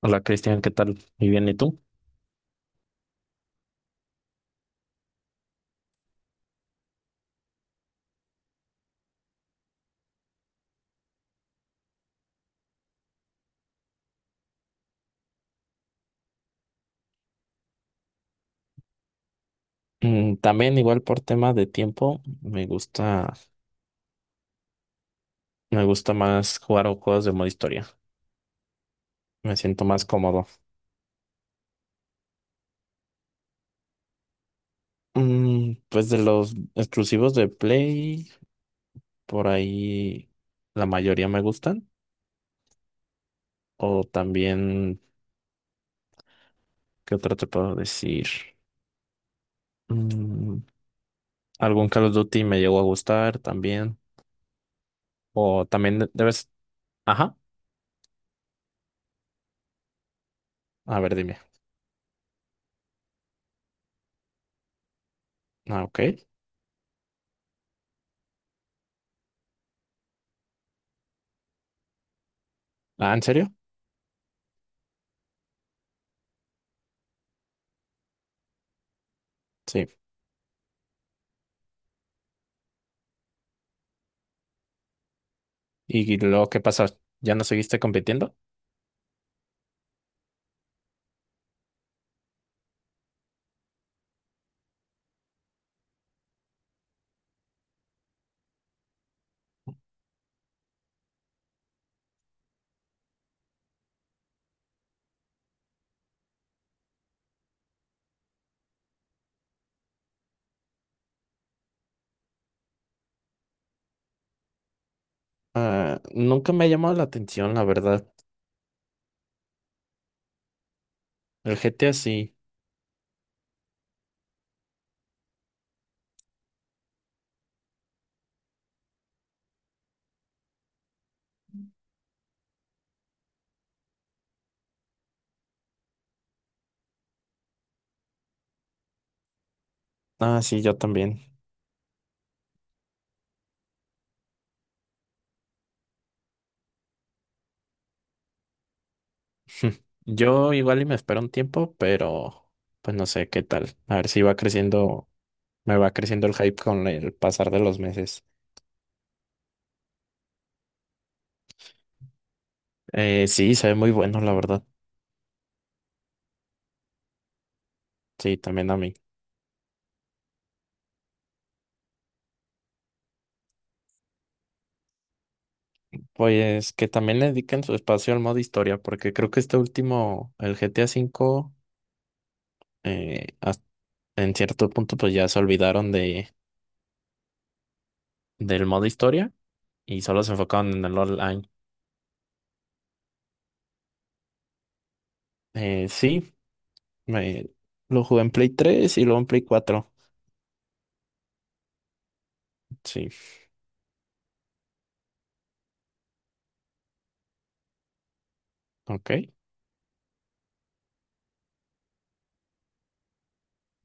Hola Cristian, ¿qué tal? Muy bien, ¿y tú? También igual por tema de tiempo, me gusta más jugar a juegos de modo historia. Me siento más cómodo. Pues de los exclusivos de Play, por ahí la mayoría me gustan. O también, ¿qué otra te puedo decir? Mm, algún Call of Duty me llegó a gustar también. O también debes. Ajá, a ver, dime. Ah, ok. Ah, ¿en serio? Sí. ¿Y luego qué pasó? ¿Ya no seguiste compitiendo? Ah, nunca me ha llamado la atención, la verdad. El GTA sí. Ah, sí, yo también. Yo igual y me espero un tiempo, pero pues no sé qué tal. A ver si va creciendo, me va creciendo el hype con el pasar de los meses. Sí, se ve muy bueno, la verdad. Sí, también a mí. Pues que también le dediquen su espacio al modo historia, porque creo que este último, el GTA V, eh, en cierto punto pues ya se olvidaron del modo historia y solo se enfocaron en el online. Sí, me- lo jugué en Play 3 y luego en Play 4. Sí, ok.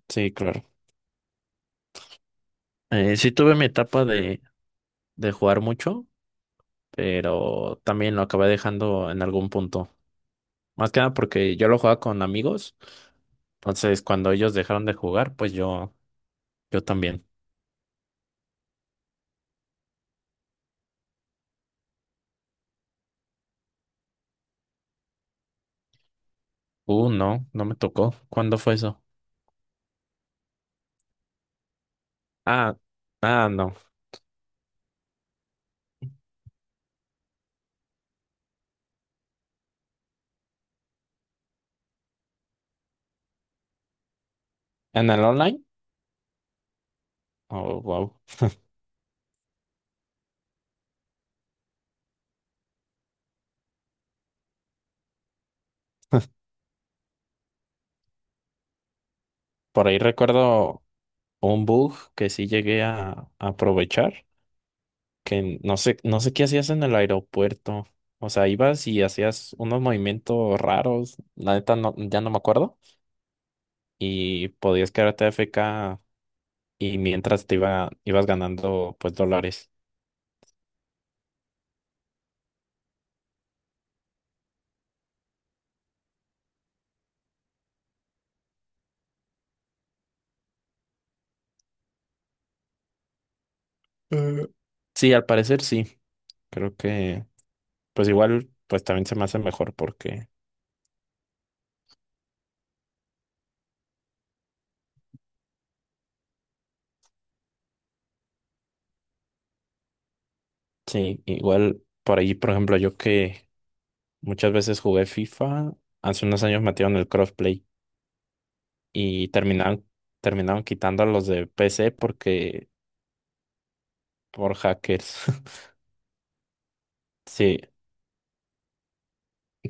Sí, claro. Sí tuve mi etapa de jugar mucho, pero también lo acabé dejando en algún punto. Más que nada porque yo lo jugaba con amigos, entonces cuando ellos dejaron de jugar, pues yo también. No, no me tocó. ¿Cuándo fue eso? Ah, ah, no. ¿En el online? Oh, wow. Por ahí recuerdo un bug que sí llegué a aprovechar, que no sé qué hacías en el aeropuerto. O sea, ibas y hacías unos movimientos raros, la neta no, ya no me acuerdo, y podías quedarte AFK y mientras ibas ganando pues dólares. Eh, Sí, al parecer sí. Creo que pues igual pues también se me hace mejor porque sí, igual por ahí, por ejemplo, yo que muchas veces jugué FIFA, hace unos años metieron el crossplay. Y terminaron quitando a los de PC porque por hackers. Sí,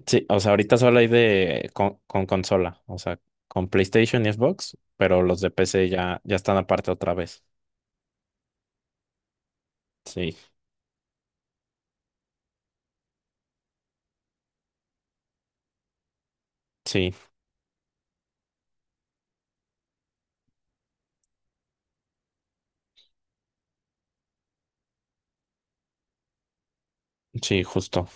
sí, o sea, ahorita solo hay de con consola, o sea, con PlayStation y Xbox, pero los de PC ya están aparte otra vez. Sí, sí, sí, justo.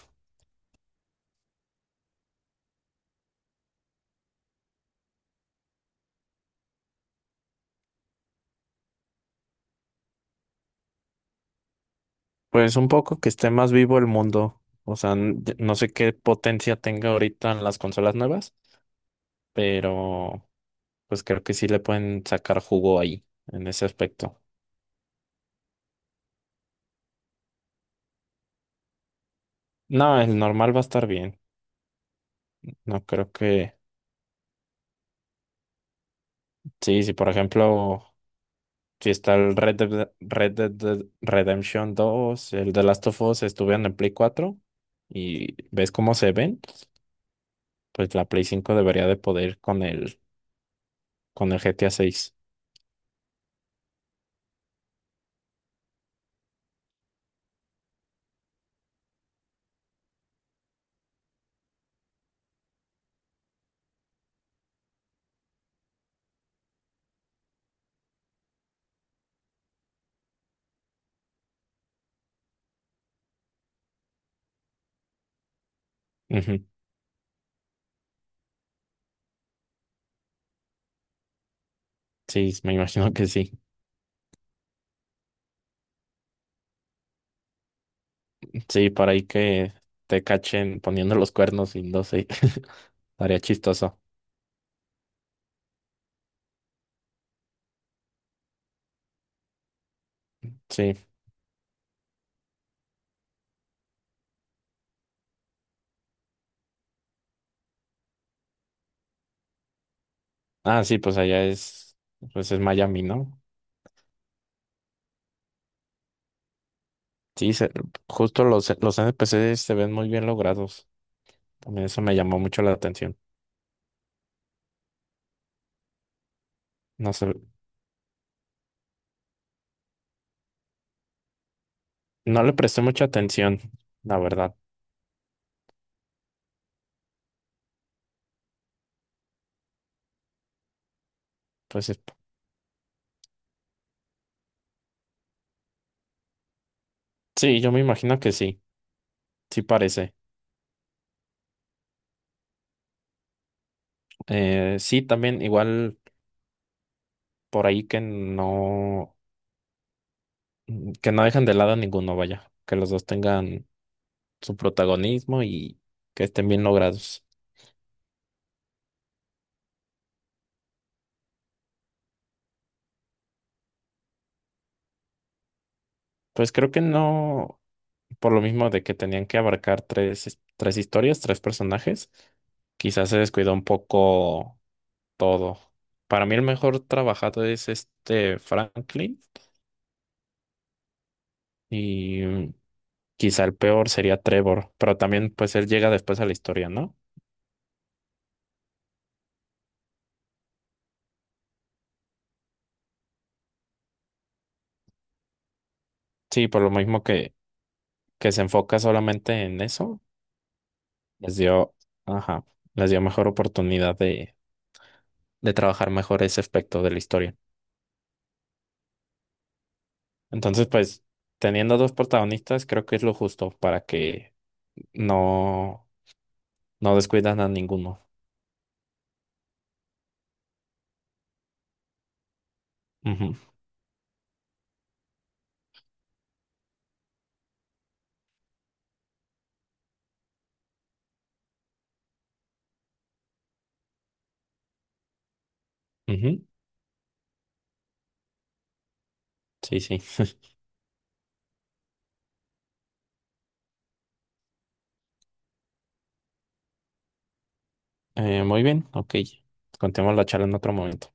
Pues un poco que esté más vivo el mundo. O sea, no sé qué potencia tenga ahorita en las consolas nuevas, pero pues creo que sí le pueden sacar jugo ahí, en ese aspecto. No, el normal va a estar bien. No creo que. Sí, sí, por ejemplo, si está el Red Dead Redemption 2, el The Last of Us estuvieron en Play 4, y ves cómo se ven, pues la Play 5 debería de poder con el GTA 6. Ujú, sí, me imagino que sí. Sí, para ahí que te cachen poniendo los cuernos y no sé, estaría chistoso. Sí. Ah, sí, pues allá es, pues es Miami, ¿no? Sí, justo los NPCs se ven muy bien logrados. También eso me llamó mucho la atención. No sé, no le presté mucha atención, la verdad. Entonces, sí, yo me imagino que sí, sí parece. Sí, también igual por ahí que no dejan de lado a ninguno, vaya, que los dos tengan su protagonismo y que estén bien logrados. Pues creo que no, por lo mismo de que tenían que abarcar tres historias, tres personajes, quizás se descuidó un poco todo. Para mí el mejor trabajado es este Franklin, y quizá el peor sería Trevor, pero también pues él llega después a la historia, ¿no? Sí, por lo mismo que se enfoca solamente en eso, les dio, ajá, les dio mejor oportunidad de trabajar mejor ese aspecto de la historia. Entonces, pues, teniendo dos protagonistas, creo que es lo justo para que no, no descuidan a ninguno. Ujú, ujú, sí, sí. Muy bien, ok. Continuamos la charla en otro momento.